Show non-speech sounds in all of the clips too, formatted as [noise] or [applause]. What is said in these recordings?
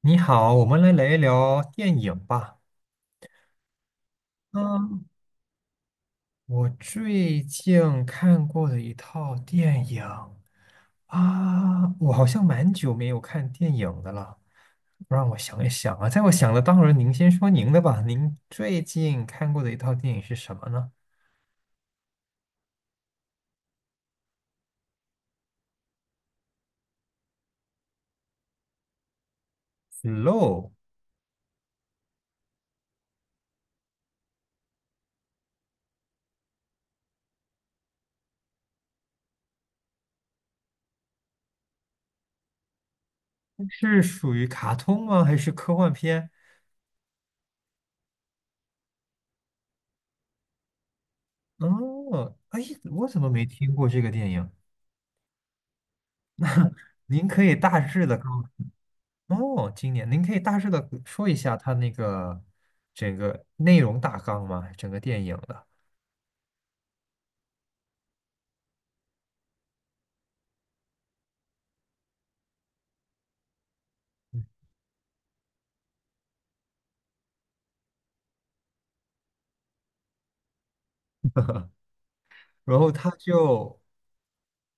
你好，我们来聊一聊电影吧。嗯，我最近看过的一套电影啊，我好像蛮久没有看电影的了。让我想一想啊，在我想的当中，您先说您的吧。您最近看过的一套电影是什么呢？Flow 是属于卡通吗？还是科幻片？哦，哎，我怎么没听过这个电影？您可以大致的告哦，今年您可以大致的说一下它那个整个内容大纲吗？整个电影的，然后它就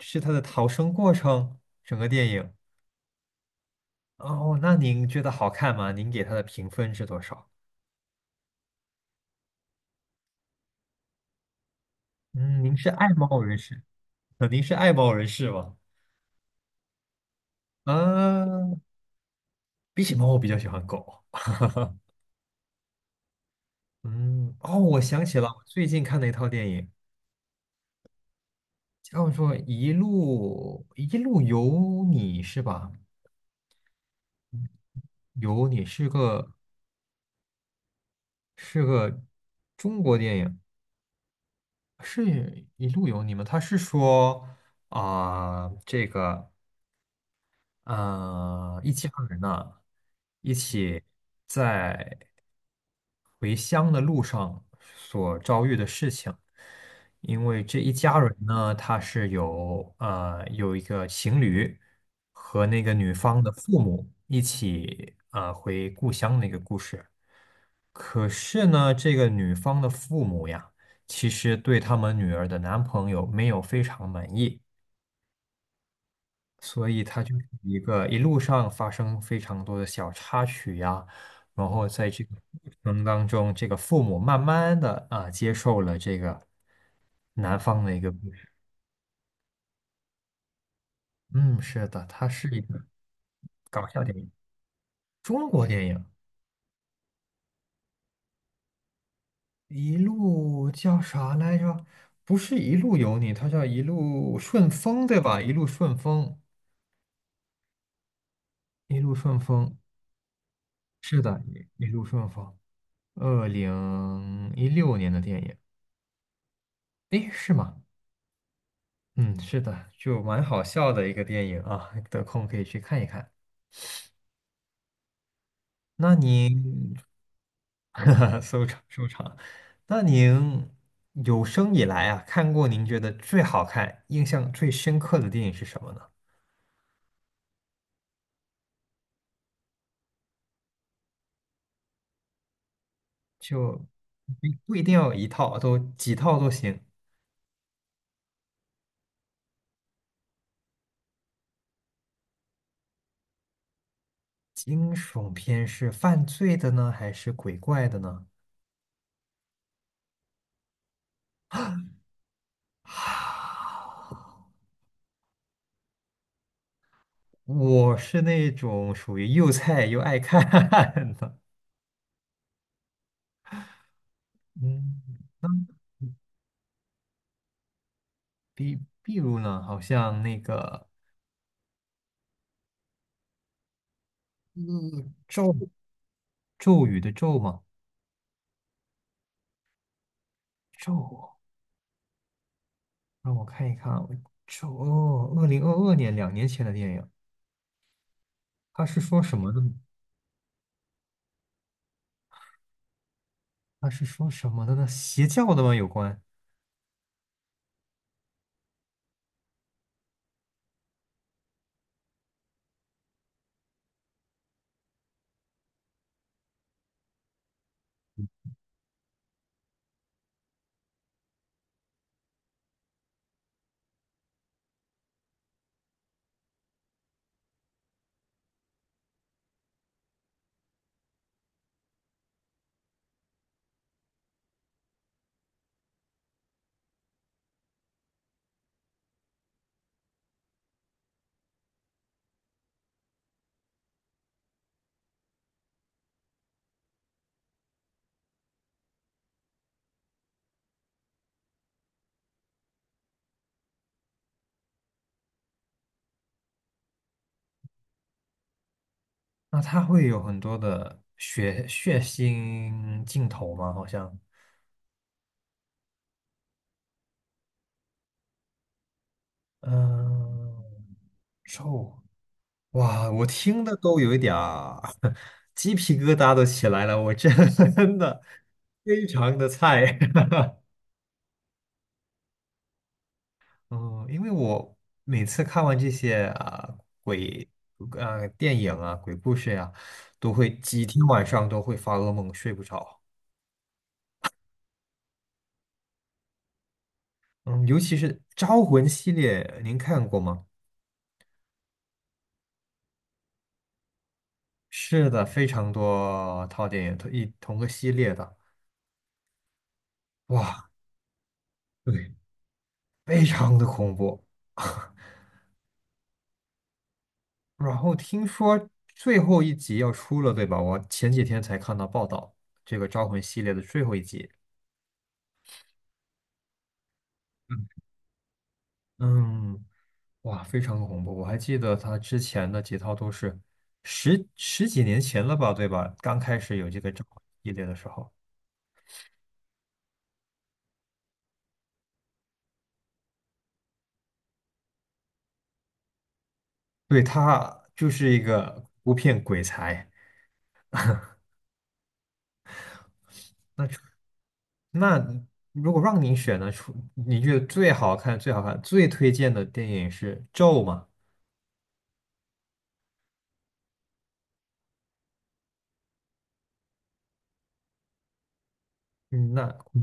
是它的逃生过程，整个电影。哦，那您觉得好看吗？您给它的评分是多少？嗯，您是爱猫人士 [laughs]，您是爱猫人士吗？嗯，比起猫，我比较喜欢狗。嗯，哦，我想起了我最近看的一套电影，叫做《一路一路有你》，是吧？有你是个。是个中国电影，是一路有你吗？他是说啊、这个一家人呢，一起在回乡的路上所遭遇的事情。因为这一家人呢，他是有一个情侣和那个女方的父母一起回故乡那个故事。可是呢，这个女方的父母呀，其实对他们女儿的男朋友没有非常满意，所以他就是一个一路上发生非常多的小插曲呀，然后在这个过程当中，这个父母慢慢的接受了这个男方的一个故事。嗯，是的，它是一个搞笑电影，中国电影。一路叫啥来着？不是一路有你，它叫一路顺风，对吧？一路顺风，一路顺风，是的，一路顺风。2016年的电影，诶，是吗？嗯，是的，就蛮好笑的一个电影啊，得空可以去看一看。那您 [laughs]，收场收场，那您有生以来啊，看过您觉得最好看、印象最深刻的电影是什么呢？就不一定要有一套，都几套都行。惊悚片是犯罪的呢，还是鬼怪的呢？[sighs] 啊我是那种属于又菜又爱看 [laughs] 的，嗯，比如呢，好像那个嗯咒咒语的咒嘛，咒，让我看一看啊，咒哦，2022年2年前的电影，他是说什么的呢？邪教的吗？有关？那他会有很多的血腥镜头吗？好像，嗯、臭，哇，我听的都有一点儿 [laughs] 鸡皮疙瘩都起来了，我真的非常的菜。[laughs] 嗯，因为我每次看完这些啊、鬼啊、电影啊鬼故事呀、都会几天晚上都会发噩梦，睡不着。嗯，尤其是《招魂》系列，您看过吗？是的，非常多套电影，同个系列的，哇，对，非常的恐怖。[laughs] 然后听说最后一集要出了，对吧？我前几天才看到报道，这个《招魂》系列的最后一集。嗯，嗯，哇，非常恐怖！我还记得他之前的几套都是十几年前了吧，对吧？刚开始有这个《招魂》系列的时候，对，他就是一个不骗鬼才。那如果让你选呢，出你觉得最好看、最好看、最推荐的电影是《咒》吗？嗯，我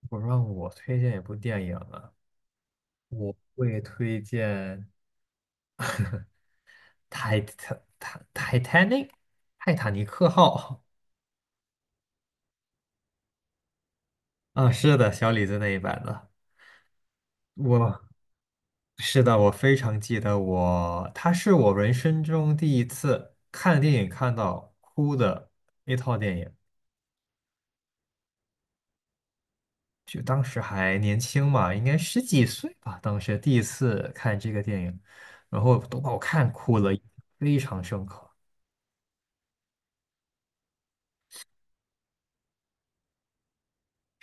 如果让我推荐一部电影啊，我会推荐泰《泰泰泰坦尼克》《泰坦尼克号》啊，是的，小李子那一版的。我是的，我非常记得我，它是我人生中第一次看电影看到哭的一套电影。就当时还年轻嘛，应该十几岁吧。当时第一次看这个电影，然后都把我看哭了，非常深刻。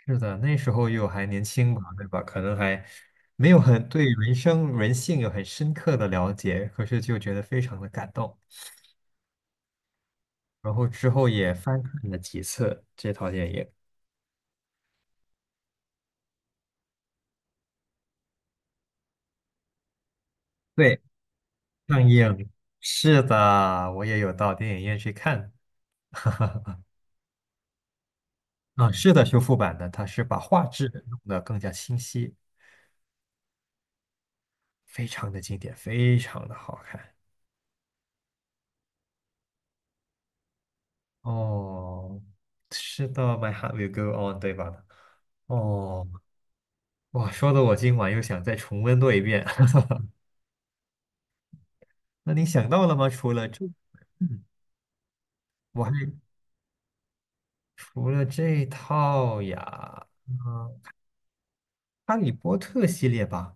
是的，那时候又还年轻吧，对吧？可能还没有很对人生人性有很深刻的了解，可是就觉得非常的感动。然后之后也翻看了几次这套电影，对，上映。是的，我也有到电影院去看。啊，是的，修复版的，它是把画质弄得更加清晰。非常的经典，非常的好看。哦，是的，My Heart Will Go On，对吧？哦，哇，说的我今晚又想再重温多一遍。[laughs] 那你想到了吗？除了这，嗯，我还除了这套呀，嗯，《哈利波特》系列吧。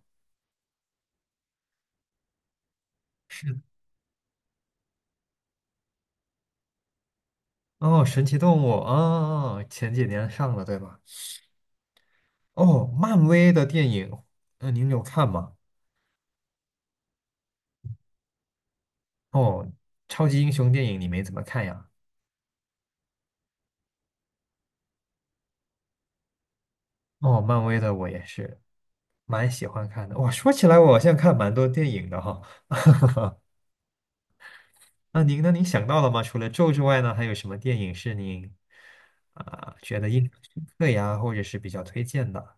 哦，神奇动物，啊，前几年上了，对吧？哦，漫威的电影，嗯、您有看吗？哦，超级英雄电影你没怎么看呀？哦，漫威的我也是。蛮喜欢看的。哇，说起来我好像看蛮多电影的哈。那您呢？您想到了吗？除了《咒》之外呢，还有什么电影是您啊、觉得印象深刻呀，或者是比较推荐的？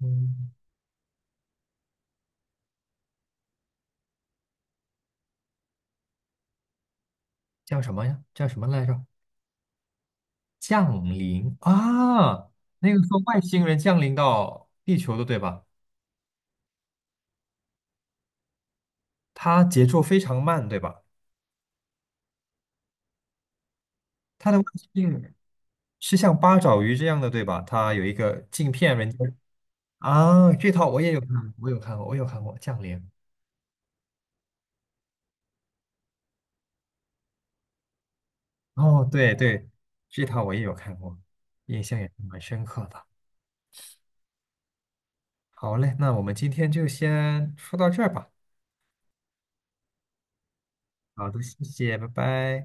嗯，叫什么呀？叫什么来着？降临啊，那个说外星人降临到地球的，对吧？它节奏非常慢，对吧？它的外星人是像八爪鱼这样的，对吧？它有一个镜片人家啊，这套我也有看，我有看过，我有看过《降临》。哦，对对，这套我也有看过，印象也是蛮深刻的。好嘞，那我们今天就先说到这儿吧。好的，谢谢，拜拜。